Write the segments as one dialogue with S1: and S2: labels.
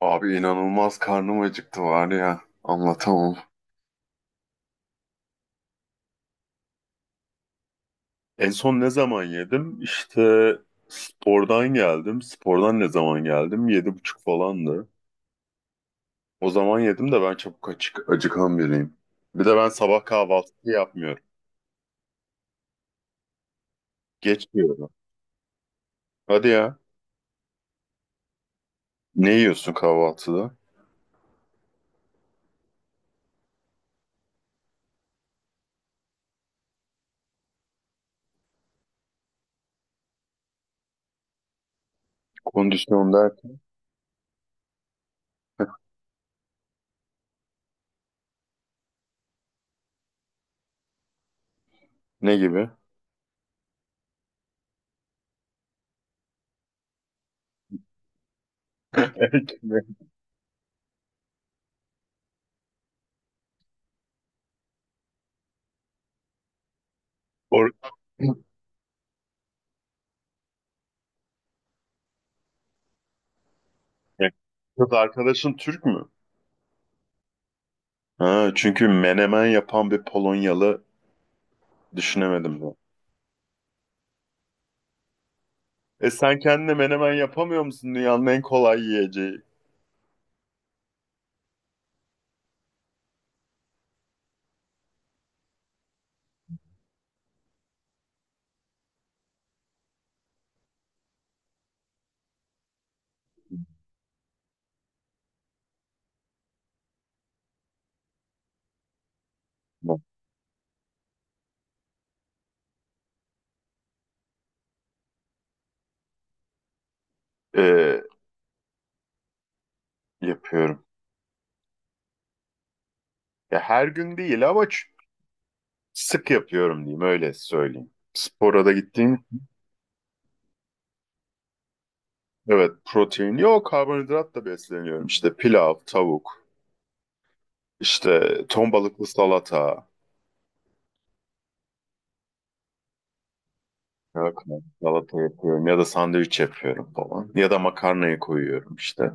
S1: Abi inanılmaz karnım acıktı var ya. Anlatamam. En son ne zaman yedim? İşte spordan geldim. Spordan ne zaman geldim? Yedi buçuk falandı. O zaman yedim de ben çabuk açık, acıkan biriyim. Bir de ben sabah kahvaltı yapmıyorum. Geç yiyorum. Hadi ya. Ne yiyorsun kahvaltıda? Kondisyon derken ne gibi? Or- Kız arkadaşın Türk mü? Ha, çünkü menemen yapan bir Polonyalı düşünemedim. E sen kendine menemen yapamıyor musun? Dünyanın en kolay yiyeceği. E, yapıyorum. Ya her gün değil ama sık yapıyorum diyeyim, öyle söyleyeyim. Spora da gittiğim, evet, protein yok, karbonhidratla besleniyorum. İşte pilav, tavuk, işte ton balıklı salata. Ya, salata yapıyorum ya da sandviç yapıyorum falan. Ya da makarnayı koyuyorum işte.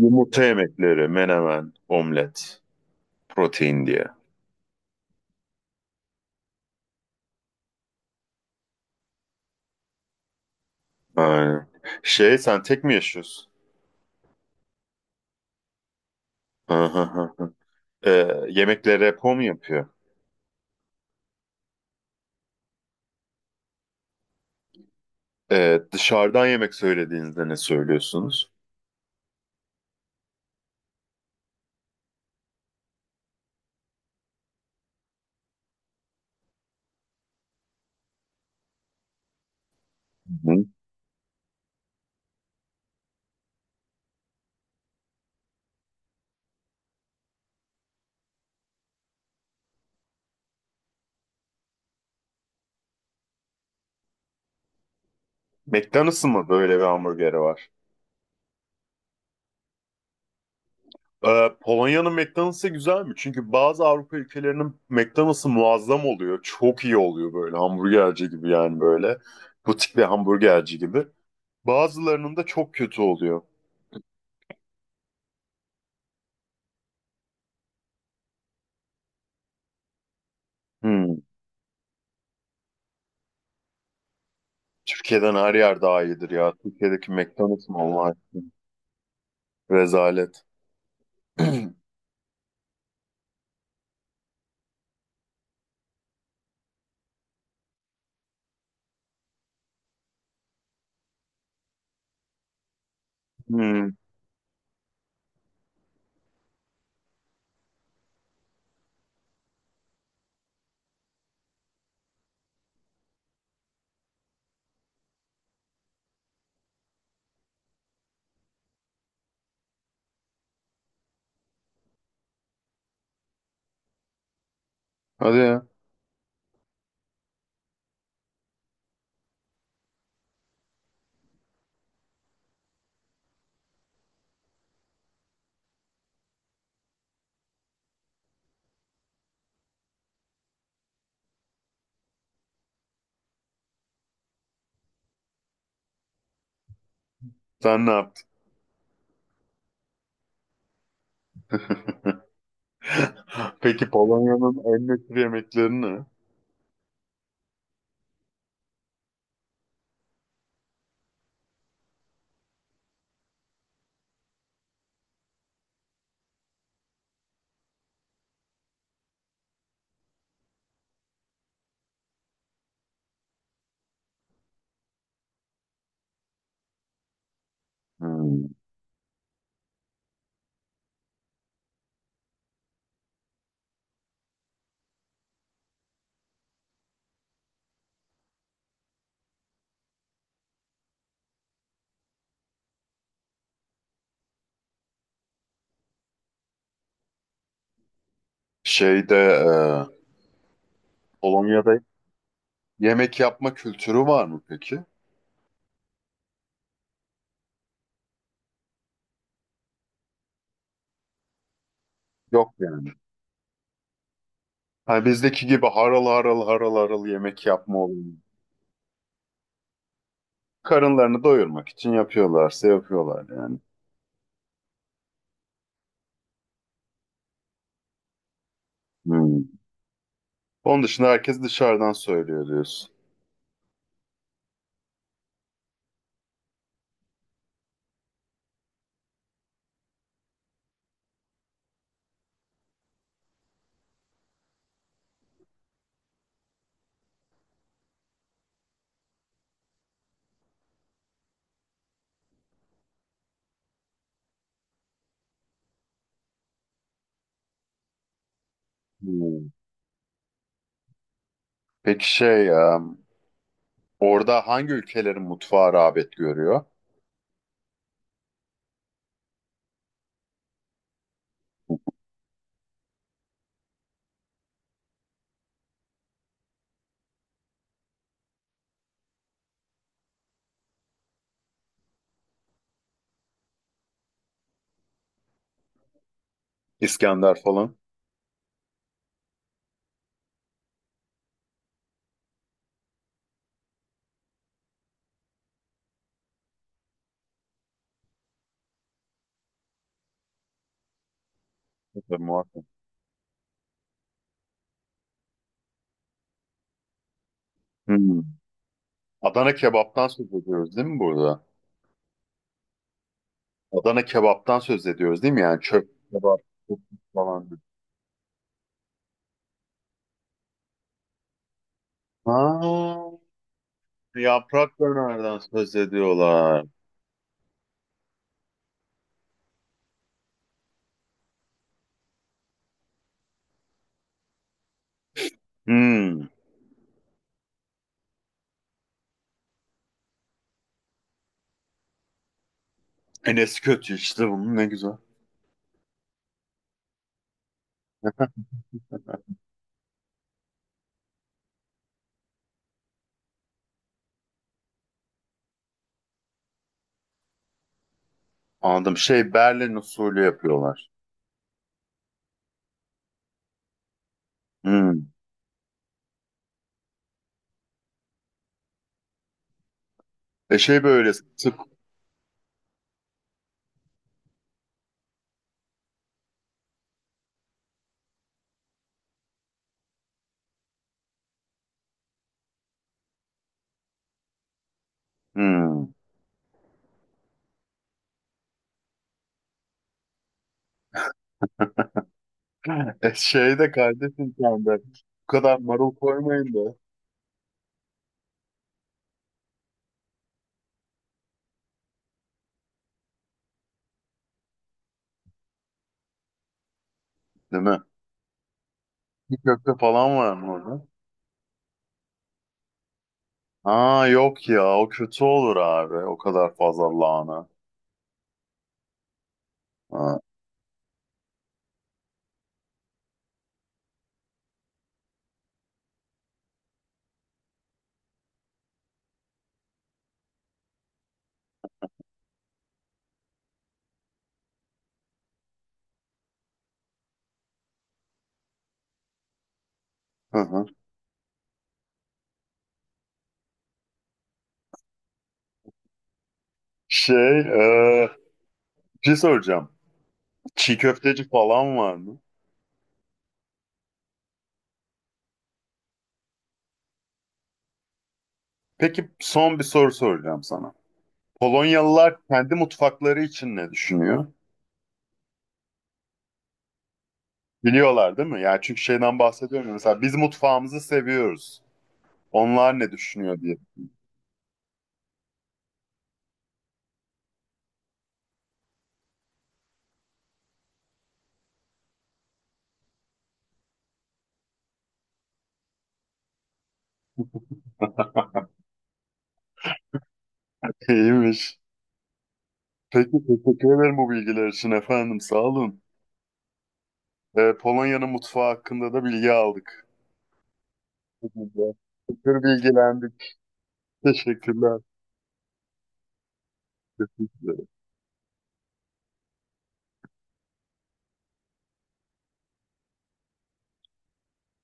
S1: Yumurta yemekleri, menemen, omlet, protein diye. Aynen. Şey, sen tek mi yaşıyorsun? Aha, aha. Ee, yemeklere repo mu yapıyor? Dışarıdan yemek söylediğinizde ne söylüyorsunuz? Hı. McDonald's'ın mı böyle bir hamburgeri var? Polonya'nın McDonald's'ı güzel mi? Çünkü bazı Avrupa ülkelerinin McDonald's'ı muazzam oluyor. Çok iyi oluyor, böyle hamburgerci gibi yani böyle. Butik bir hamburgerci gibi. Bazılarının da çok kötü oluyor. Hmm. Türkiye'den her yer daha iyidir ya. Türkiye'deki McDonald's mı Allah aşkına? Rezalet. Hmm. Hadi ya. Sen ne yaptın? Peki Polonya'nın en meşhur yemekleri ne? Hmm. Şeyde e, Polonya'da yemek yapma kültürü var mı peki? Yok yani. Ha, bizdeki gibi haral haral haral haral yemek yapma olayı. Karınlarını doyurmak için yapıyorlarsa yapıyorlar yani. Hmm. Onun dışında herkes dışarıdan söylüyor diyorsun. Hmm. Peki, orada hangi ülkelerin mutfağı rağbet görüyor? İskender falan. Tabii, muhakkak. Hmm. Adana kebaptan söz ediyoruz değil mi burada? Adana kebaptan söz ediyoruz değil mi? Yani çöp kebap falan. Ha, yaprak dönerden söz ediyorlar. Hmm. Enes kötü işte, bunun ne güzel. Anladım. Şey, Berlin usulü yapıyorlar. Hmm. E şey böyle sık. Hmm. E şey de kardeşim sen de. Bu kadar marul koymayın da. Değil mi? Bir köfte falan var mı orada? Aa yok ya, o kötü olur abi. O kadar fazla lahana. Ha. Hı hı. Şey, e, bir şey soracağım. Çiğ köfteci falan var mı? Peki son bir soru soracağım sana. Polonyalılar kendi mutfakları için ne düşünüyor? Biliyorlar değil mi? Yani çünkü şeyden bahsediyorum. Ya, mesela biz mutfağımızı seviyoruz. Onlar ne düşünüyor diye. İyiymiş. Peki, teşekkür ederim bu bilgiler için efendim. Sağ olun. Polonya'nın mutfağı hakkında da bilgi aldık. Çok güzel. Çok bilgilendik. Teşekkürler. Teşekkürler.